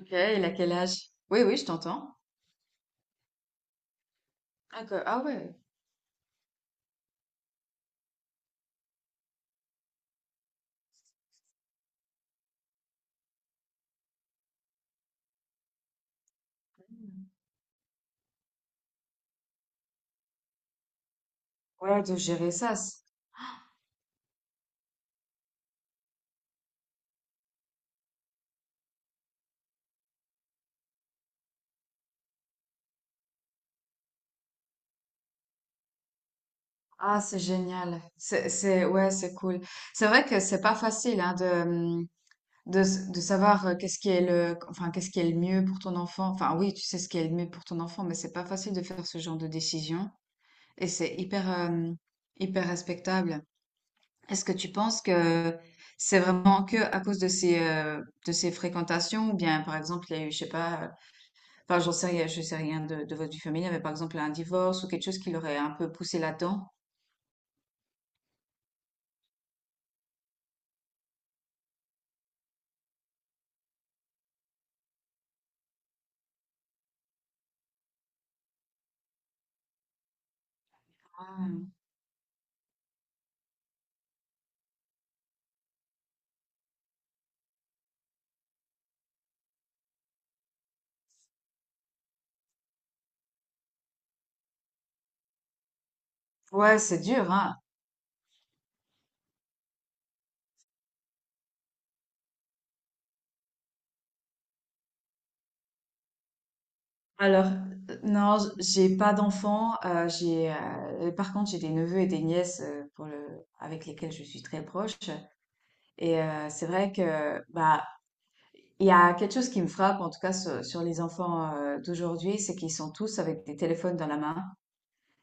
Ok, il a quel âge? Oui, oui, je t'entends. Ah, ouais. Ouais, de gérer ça. Ah, c'est génial. C'est, ouais, c'est cool. C'est vrai que c'est pas facile, hein, de savoir qu'est-ce qui est le, enfin, qu'est-ce qui est le mieux pour ton enfant. Enfin, oui, tu sais ce qui est le mieux pour ton enfant, mais c'est pas facile de faire ce genre de décision. Et c'est hyper, hyper respectable. Est-ce que tu penses que c'est vraiment que à cause de de ces fréquentations, ou bien, par exemple, il y a eu, je sais pas, enfin, j'en sais rien, je sais rien de votre vie familiale, mais par exemple un divorce ou quelque chose qui l'aurait un peu poussé là-dedans. Ah. Ouais, c'est dur, hein. Alors, non, j'ai pas d'enfants. Par contre, j'ai des neveux et des nièces avec lesquels je suis très proche. Et c'est vrai que bah il y a quelque chose qui me frappe, en tout cas sur les enfants d'aujourd'hui, c'est qu'ils sont tous avec des téléphones dans la main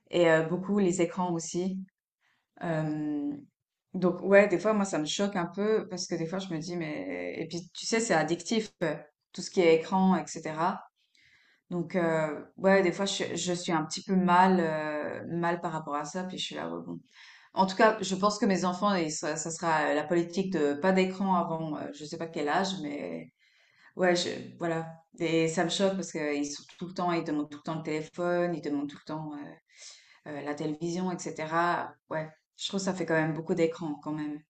et beaucoup les écrans aussi. Euh, donc ouais, des fois moi ça me choque un peu parce que des fois je me dis mais et puis tu sais c'est addictif, tout ce qui est écran etc. Donc ouais, des fois je suis un petit peu mal par rapport à ça, puis je suis là, ouais, bon. En tout cas je pense que mes enfants, et ça sera la politique de pas d'écran avant je sais pas quel âge, mais ouais, je, voilà. Et ça me choque parce qu'ils demandent tout le temps le téléphone, ils demandent tout le temps la télévision, etc. Ouais, je trouve que ça fait quand même beaucoup d'écran quand même.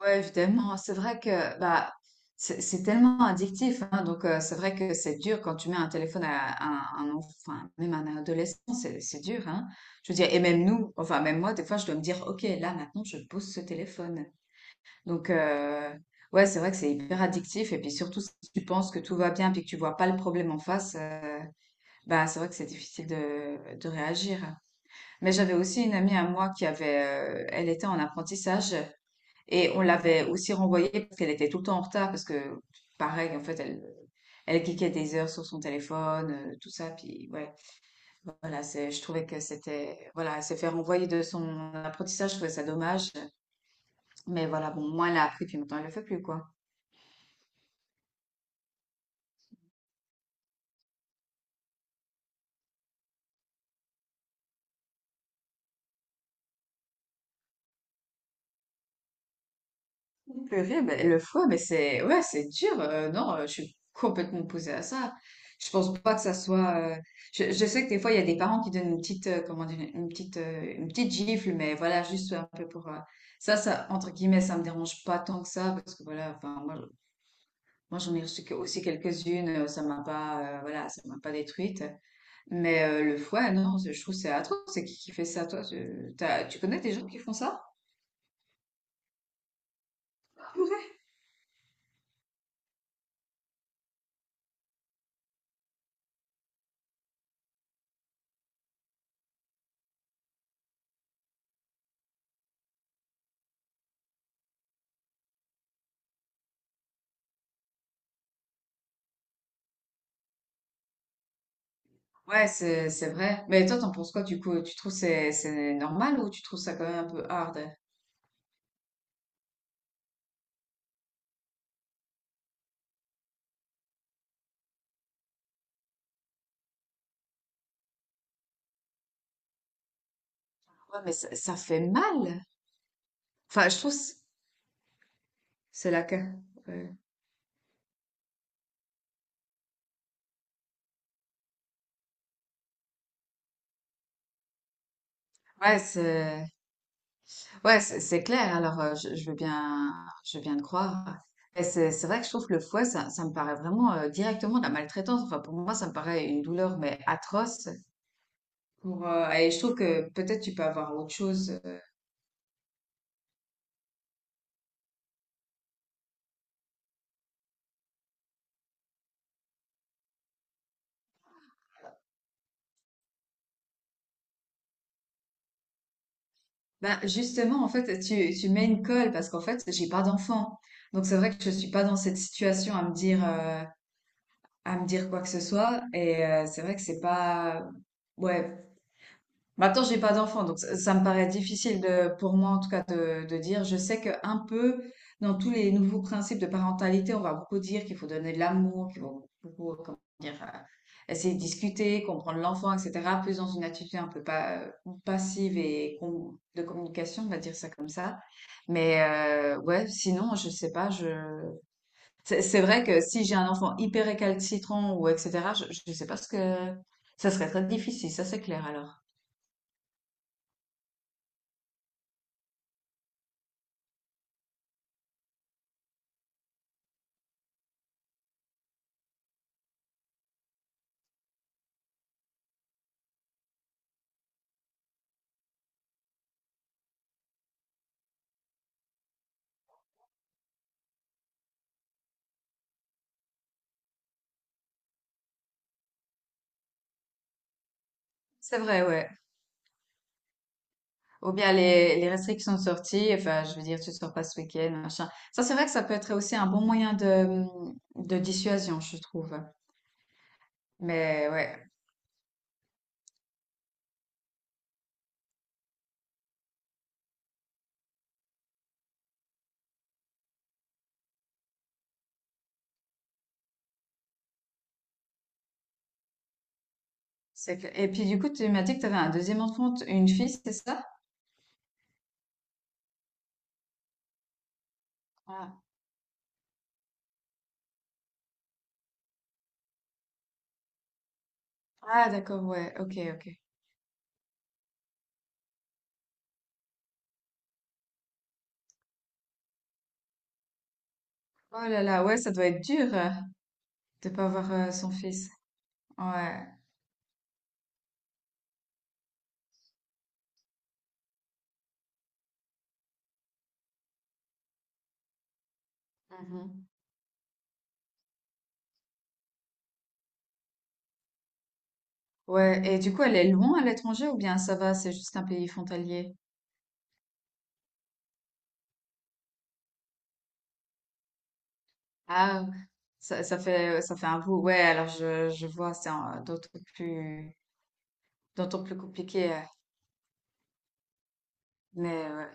Ouais, évidemment, c'est vrai que bah, c'est tellement addictif, hein, donc c'est vrai que c'est dur quand tu mets un téléphone à un enfant, enfin, même à un adolescent, c'est dur, hein. Je veux dire, et même nous, enfin même moi, des fois, je dois me dire, ok, là maintenant, je pose ce téléphone. Donc ouais, c'est vrai que c'est hyper addictif, et puis surtout si tu penses que tout va bien, puis que tu vois pas le problème en face, bah c'est vrai que c'est difficile de réagir. Mais j'avais aussi une amie à moi elle était en apprentissage et on l'avait aussi renvoyée parce qu'elle était tout le temps en retard parce que, pareil, en fait, elle cliquait des heures sur son téléphone, tout ça. Puis, ouais, voilà, je trouvais que c'était, voilà, elle s'est fait renvoyer de son apprentissage, je trouvais ça dommage. Mais voilà, bon, moi, elle a appris, puis maintenant, elle le fait plus, quoi. Purée, mais le foie, mais c'est ouais, c'est dur. Non, je suis complètement opposée à ça. Je pense pas que ça soit. Je sais que des fois il y a des parents qui donnent comment dire, une petite gifle, mais voilà, juste un peu pour ça entre guillemets, ça me dérange pas tant que ça parce que voilà, enfin moi, j'en ai reçu aussi quelques-unes, ça m'a pas, voilà, ça m'a pas détruite. Mais le foie, non, je trouve que c'est atroce. C'est qui fait ça, toi? Tu connais des gens qui font ça? Ouais, c'est vrai. Mais toi, t'en penses quoi du coup? Tu trouves c'est normal ou tu trouves ça quand même un peu hard? Ouais, mais ça fait mal. Enfin, je trouve, c'est la Ouais, Ouais, c'est ouais, c'est clair. Alors, je veux bien te croire. Et c'est vrai que je trouve que le fouet, ça me paraît vraiment directement de la maltraitance. Enfin, pour moi, ça me paraît une douleur mais atroce. Pour et je trouve que peut-être tu peux avoir autre chose. Ben justement, en fait, tu mets une colle parce qu'en fait, j'ai pas d'enfant. Donc c'est vrai que je suis pas dans cette situation à me dire quoi que ce soit. Et c'est vrai que c'est pas, ouais. Maintenant, j'ai pas d'enfant, donc ça me paraît difficile pour moi en tout cas de dire. Je sais que un peu dans tous les nouveaux principes de parentalité, on va beaucoup dire qu'il faut donner de l'amour, qu'il faut beaucoup, comment dire, essayer de discuter, comprendre l'enfant, etc. Plus dans une attitude un peu pas, passive et de communication, on va dire ça comme ça. Mais ouais, sinon, je sais pas, je c'est vrai que si j'ai un enfant hyper récalcitrant ou etc., je ne sais pas ce que... Ça serait très difficile, ça c'est clair alors. C'est vrai, ouais. Ou bien les restrictions de sortie, enfin, je veux dire, tu sors pas ce week-end, machin. Ça, c'est vrai que ça peut être aussi un bon moyen de dissuasion, je trouve. Mais ouais. C'est clair. Et puis du coup, tu m'as dit que tu avais un deuxième enfant, une fille, c'est ça? Ah, Ah, d'accord, ouais, ok, ok. Oh là là, ouais, ça doit être dur, de pas avoir, son fils. Ouais. Mhm. Ouais, et du coup, elle est loin à l'étranger ou bien ça va, c'est juste un pays frontalier? Ah, ça, ça fait un bout. Ouais, alors je vois, c'est plus, d'autant plus compliqué. Mais ouais.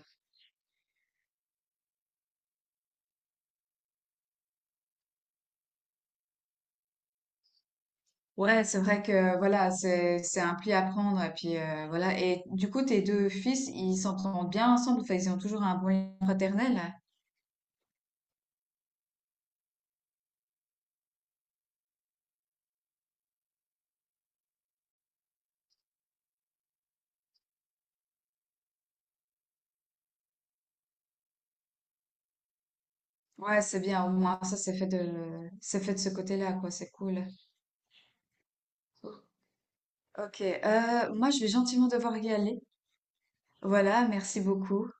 Ouais, c'est vrai que voilà, c'est un pli à prendre et puis voilà. Et du coup, tes deux fils, ils s'entendent bien ensemble. Enfin, ils ont toujours un bon lien fraternel. Ouais, c'est bien. Au moins, ça, c'est fait de ce côté-là, quoi. C'est cool. Ok. Moi, je vais gentiment devoir y aller. Voilà. Merci beaucoup.